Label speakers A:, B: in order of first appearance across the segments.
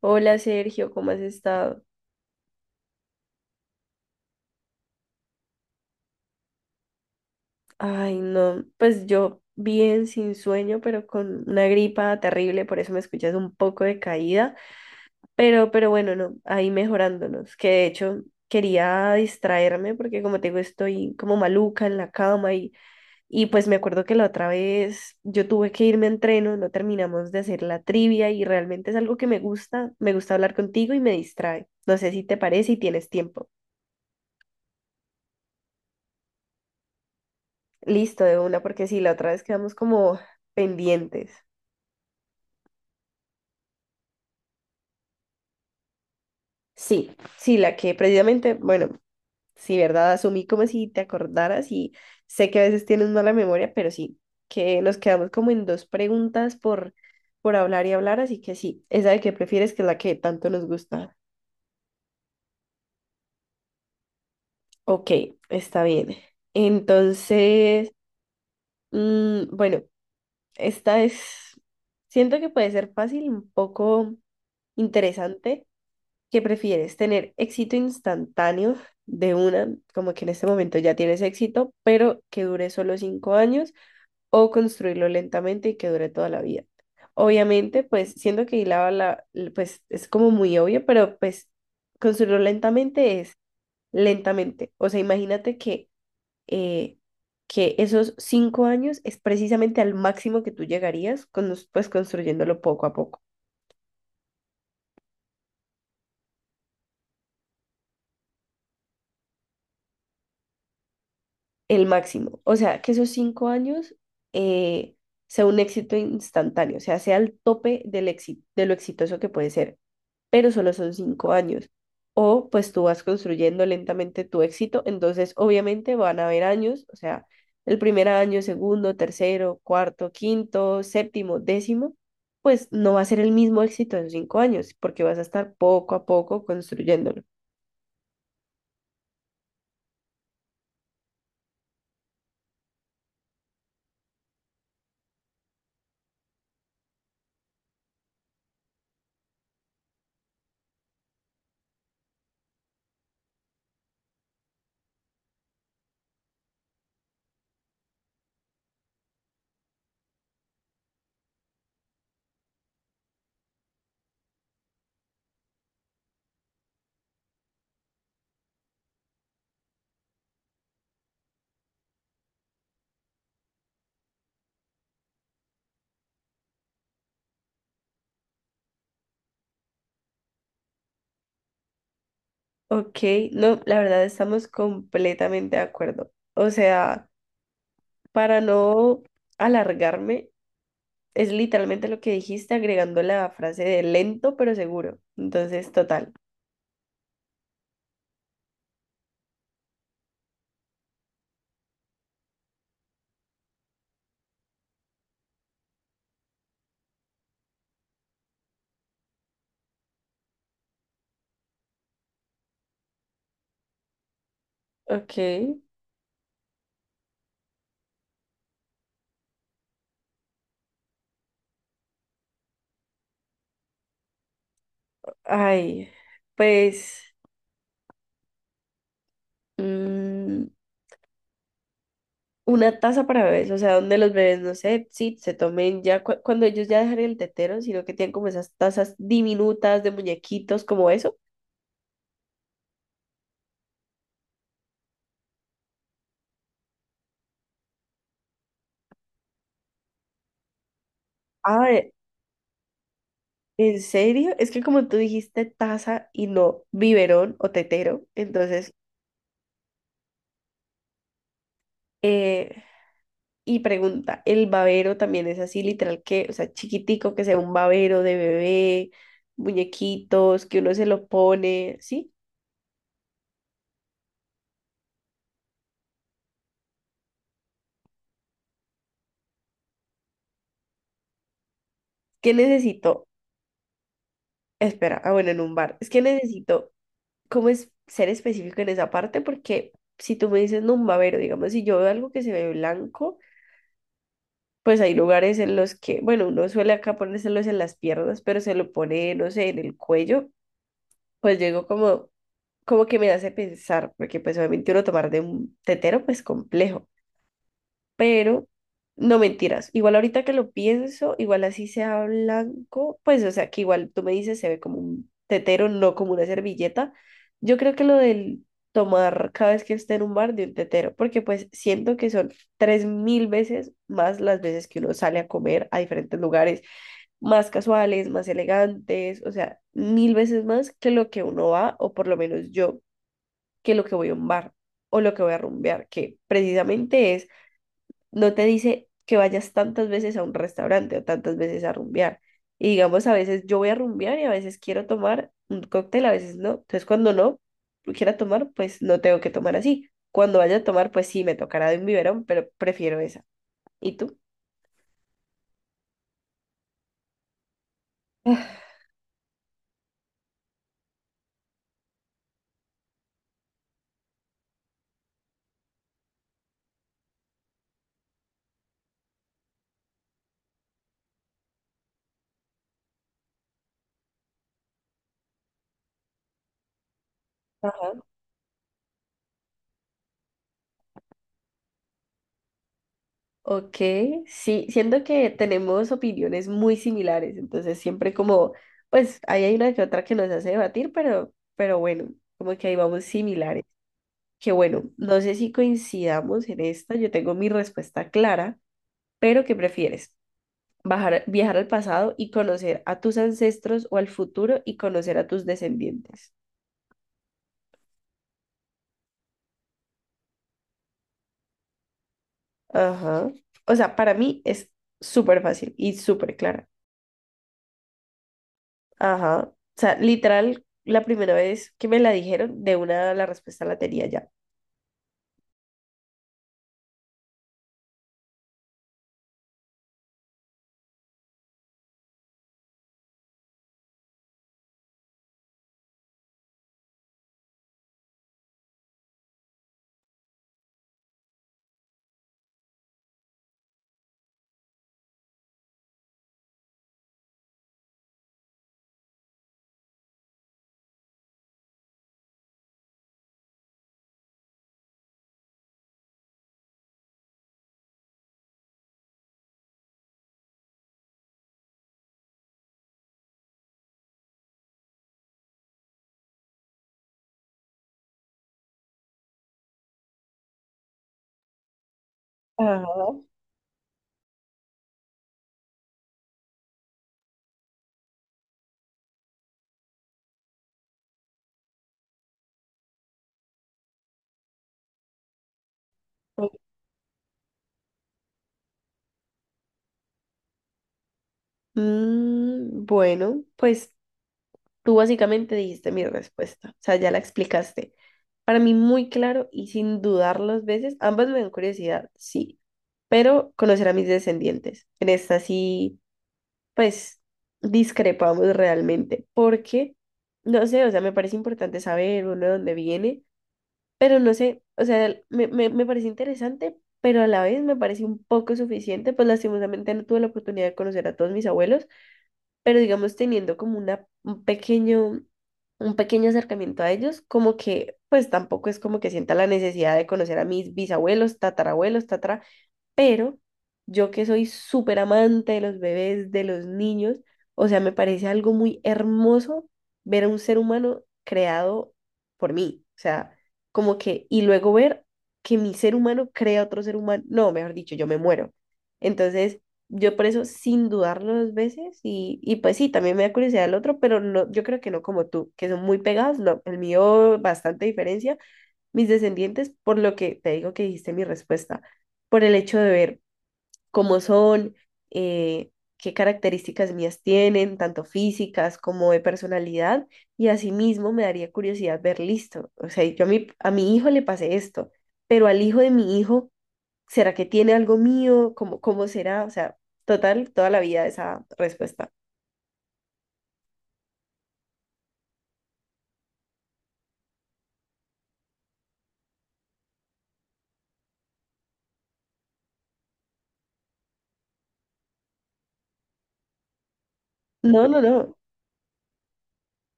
A: Hola Sergio, ¿cómo has estado? Ay, no, pues yo bien, sin sueño, pero con una gripa terrible, por eso me escuchas un poco de caída, pero bueno, no, ahí mejorándonos, que de hecho quería distraerme porque como te digo, estoy como maluca en la cama y pues me acuerdo que la otra vez yo tuve que irme a entreno, no terminamos de hacer la trivia y realmente es algo que me gusta hablar contigo y me distrae. No sé si te parece y tienes tiempo. Listo, de una, porque sí, la otra vez quedamos como pendientes. Sí, sí, la que precisamente, bueno, sí, ¿verdad? Asumí como si te acordaras y sé que a veces tienes mala memoria, pero sí, que nos quedamos como en dos preguntas por hablar y hablar, así que sí, esa de que prefieres que es la que tanto nos gusta. Ok, está bien. Entonces, bueno, esta es, siento que puede ser fácil, un poco interesante. ¿Qué prefieres? ¿Tener éxito instantáneo de una, como que en este momento ya tienes éxito, pero que dure solo 5 años, o construirlo lentamente y que dure toda la vida? Obviamente, pues siendo que hilaba pues es como muy obvio, pero pues construirlo lentamente es lentamente. O sea, imagínate eh, que esos 5 años es precisamente al máximo que tú llegarías, con, pues construyéndolo poco a poco. El máximo. O sea, que esos cinco años eh, sea un éxito instantáneo, o sea, sea el tope del éxito, de lo exitoso que puede ser, pero solo son 5 años. O pues tú vas construyendo lentamente tu éxito, entonces obviamente van a haber años, o sea, el primer año, segundo, tercero, cuarto, quinto, séptimo, décimo, pues no va a ser el mismo éxito en 5 años, porque vas a estar poco a poco construyéndolo. Ok, no, la verdad estamos completamente de acuerdo. O sea, para no alargarme, es literalmente lo que dijiste agregando la frase de lento pero seguro. Entonces, total. Ok, ay, pues mm, una taza para bebés, o sea, donde los bebés, no sé, sí, se tomen ya cuando ellos ya dejan el tetero, sino que tienen como esas tazas diminutas de muñequitos, como eso. Ah, ¿en serio? Es que como tú dijiste taza y no biberón o tetero, entonces, eh, y pregunta, ¿el babero también es así, literal que, o sea, chiquitico, que sea un babero de bebé, muñequitos, que uno se lo pone, sí? ¿Qué necesito? Espera, ah, bueno, en un bar. Es que necesito, ¿cómo es ser específico en esa parte? Porque si tú me dices, no, un babero, digamos, si yo veo algo que se ve blanco, pues hay lugares en los que, bueno, uno suele acá ponérselos en las piernas, pero se lo pone, no sé, en el cuello, pues llego como que me hace pensar, porque pues obviamente uno tomar de un tetero, pues complejo pero no mentiras. Igual ahorita que lo pienso, igual así sea blanco, pues o sea que igual tú me dices se ve como un tetero, no como una servilleta. Yo creo que lo del tomar cada vez que esté en un bar de un tetero, porque pues siento que son tres mil veces más las veces que uno sale a comer a diferentes lugares, más casuales, más elegantes, o sea, mil veces más que lo que uno va, o por lo menos yo, que lo que voy a un bar o lo que voy a rumbear, que precisamente es no te dice que vayas tantas veces a un restaurante o tantas veces a rumbear. Y digamos, a veces yo voy a rumbear y a veces quiero tomar un cóctel, a veces no. Entonces, cuando no quiera tomar, pues no tengo que tomar así. Cuando vaya a tomar, pues sí, me tocará de un biberón, pero prefiero esa. ¿Y tú? Ajá. Ok, sí, siento que tenemos opiniones muy similares, entonces siempre como, pues ahí hay una que otra que nos hace debatir, pero bueno, como que ahí vamos similares. Que bueno, no sé si coincidamos en esta, yo tengo mi respuesta clara, pero ¿qué prefieres? Viajar al pasado y conocer a tus ancestros o al futuro y conocer a tus descendientes? Ajá. O sea, para mí es súper fácil y súper clara. Ajá. O sea, literal, la primera vez que me la dijeron, de una la respuesta la tenía ya. Ajá. Ok. Bueno, pues tú básicamente dijiste mi respuesta, o sea, ya la explicaste. Para mí muy claro y sin dudar dos veces, ambas me dan curiosidad, sí, pero conocer a mis descendientes. En esta sí, pues discrepamos realmente, porque, no sé, o sea, me parece importante saber uno de dónde viene, pero no sé, o sea, me parece interesante, pero a la vez me parece un poco suficiente, pues lastimosamente no tuve la oportunidad de conocer a todos mis abuelos pero digamos teniendo como un pequeño acercamiento a ellos, como que pues tampoco es como que sienta la necesidad de conocer a mis bisabuelos, tatarabuelos, tatara, pero yo que soy súper amante de los bebés, de los niños, o sea, me parece algo muy hermoso ver a un ser humano creado por mí, o sea, como que, y luego ver que mi ser humano crea otro ser humano, no, mejor dicho, yo me muero. Entonces, yo por eso, sin dudarlo dos veces, y pues sí, también me da curiosidad el otro, pero no, yo creo que no como tú, que son muy pegados, no, el mío bastante diferencia, mis descendientes, por lo que te digo que dijiste mi respuesta, por el hecho de ver cómo son, eh, qué características mías tienen, tanto físicas como de personalidad, y asimismo me daría curiosidad ver listo. O sea, yo a mi hijo le pasé esto, pero al hijo de mi hijo, ¿será que tiene algo mío? ¿Cómo será? O sea, total, toda la vida esa respuesta. No, no, no,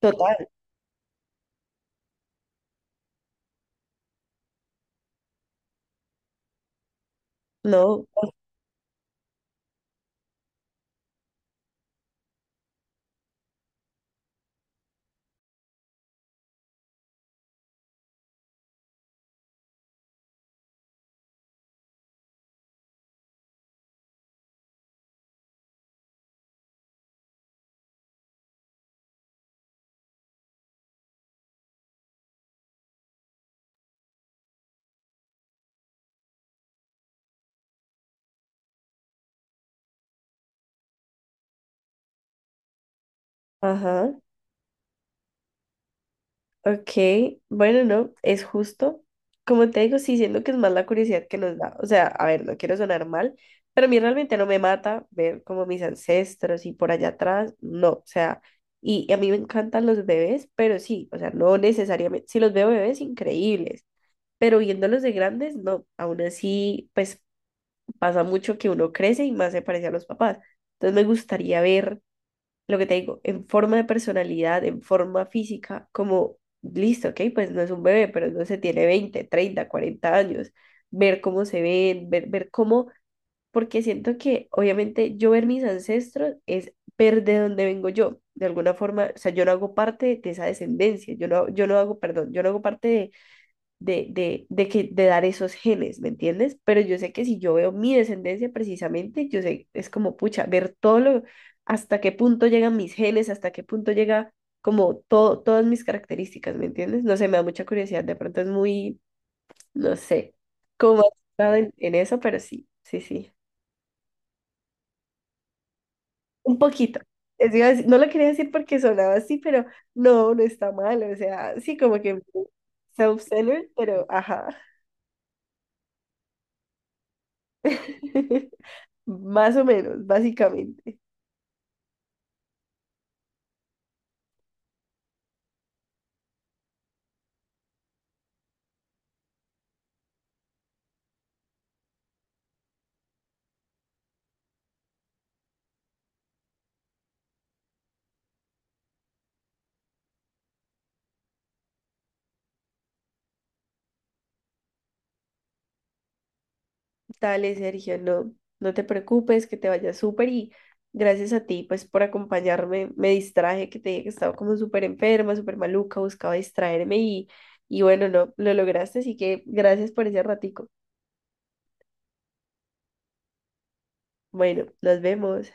A: total, no, ajá. Ok, bueno, no, es justo. Como te digo, sí siento que es más la curiosidad que nos da. O sea, a ver, no quiero sonar mal, pero a mí realmente no me mata ver como mis ancestros y por allá atrás, no, o sea, y a mí me encantan los bebés, pero sí, o sea, no necesariamente, si los veo bebés, increíbles, pero viéndolos de grandes, no, aún así, pues pasa mucho que uno crece y más se parece a los papás. Entonces me gustaría ver lo que te digo, en forma de personalidad, en forma física, como, listo, ok, pues no es un bebé, pero no se tiene 20 30 40 años, ver cómo se ven, ver cómo, porque siento que obviamente yo ver mis ancestros es ver de dónde vengo yo, de alguna forma, o sea, yo no hago parte de esa descendencia, yo no, yo no hago, perdón, yo no hago parte de de dar esos genes, ¿me entiendes? Pero yo sé que si yo veo mi descendencia precisamente, yo sé, es como, pucha, ver todo lo, hasta qué punto llegan mis genes, hasta qué punto llega como todo, todas mis características, ¿me entiendes? No sé, me da mucha curiosidad, de pronto es muy, no sé, como más centrado en eso, pero sí, sí, sí, un poquito. Es iba a decir- No lo quería decir porque sonaba así, pero no, no está mal, o sea, sí, como que self-centered, pero ajá. Más o menos, básicamente. Dale, Sergio, no, no te preocupes, que te vaya súper y gracias a ti, pues, por acompañarme. Me distraje, que te dije que estaba como súper enferma, súper maluca, buscaba distraerme y bueno, no, lo lograste, así que gracias por ese ratico. Bueno, nos vemos.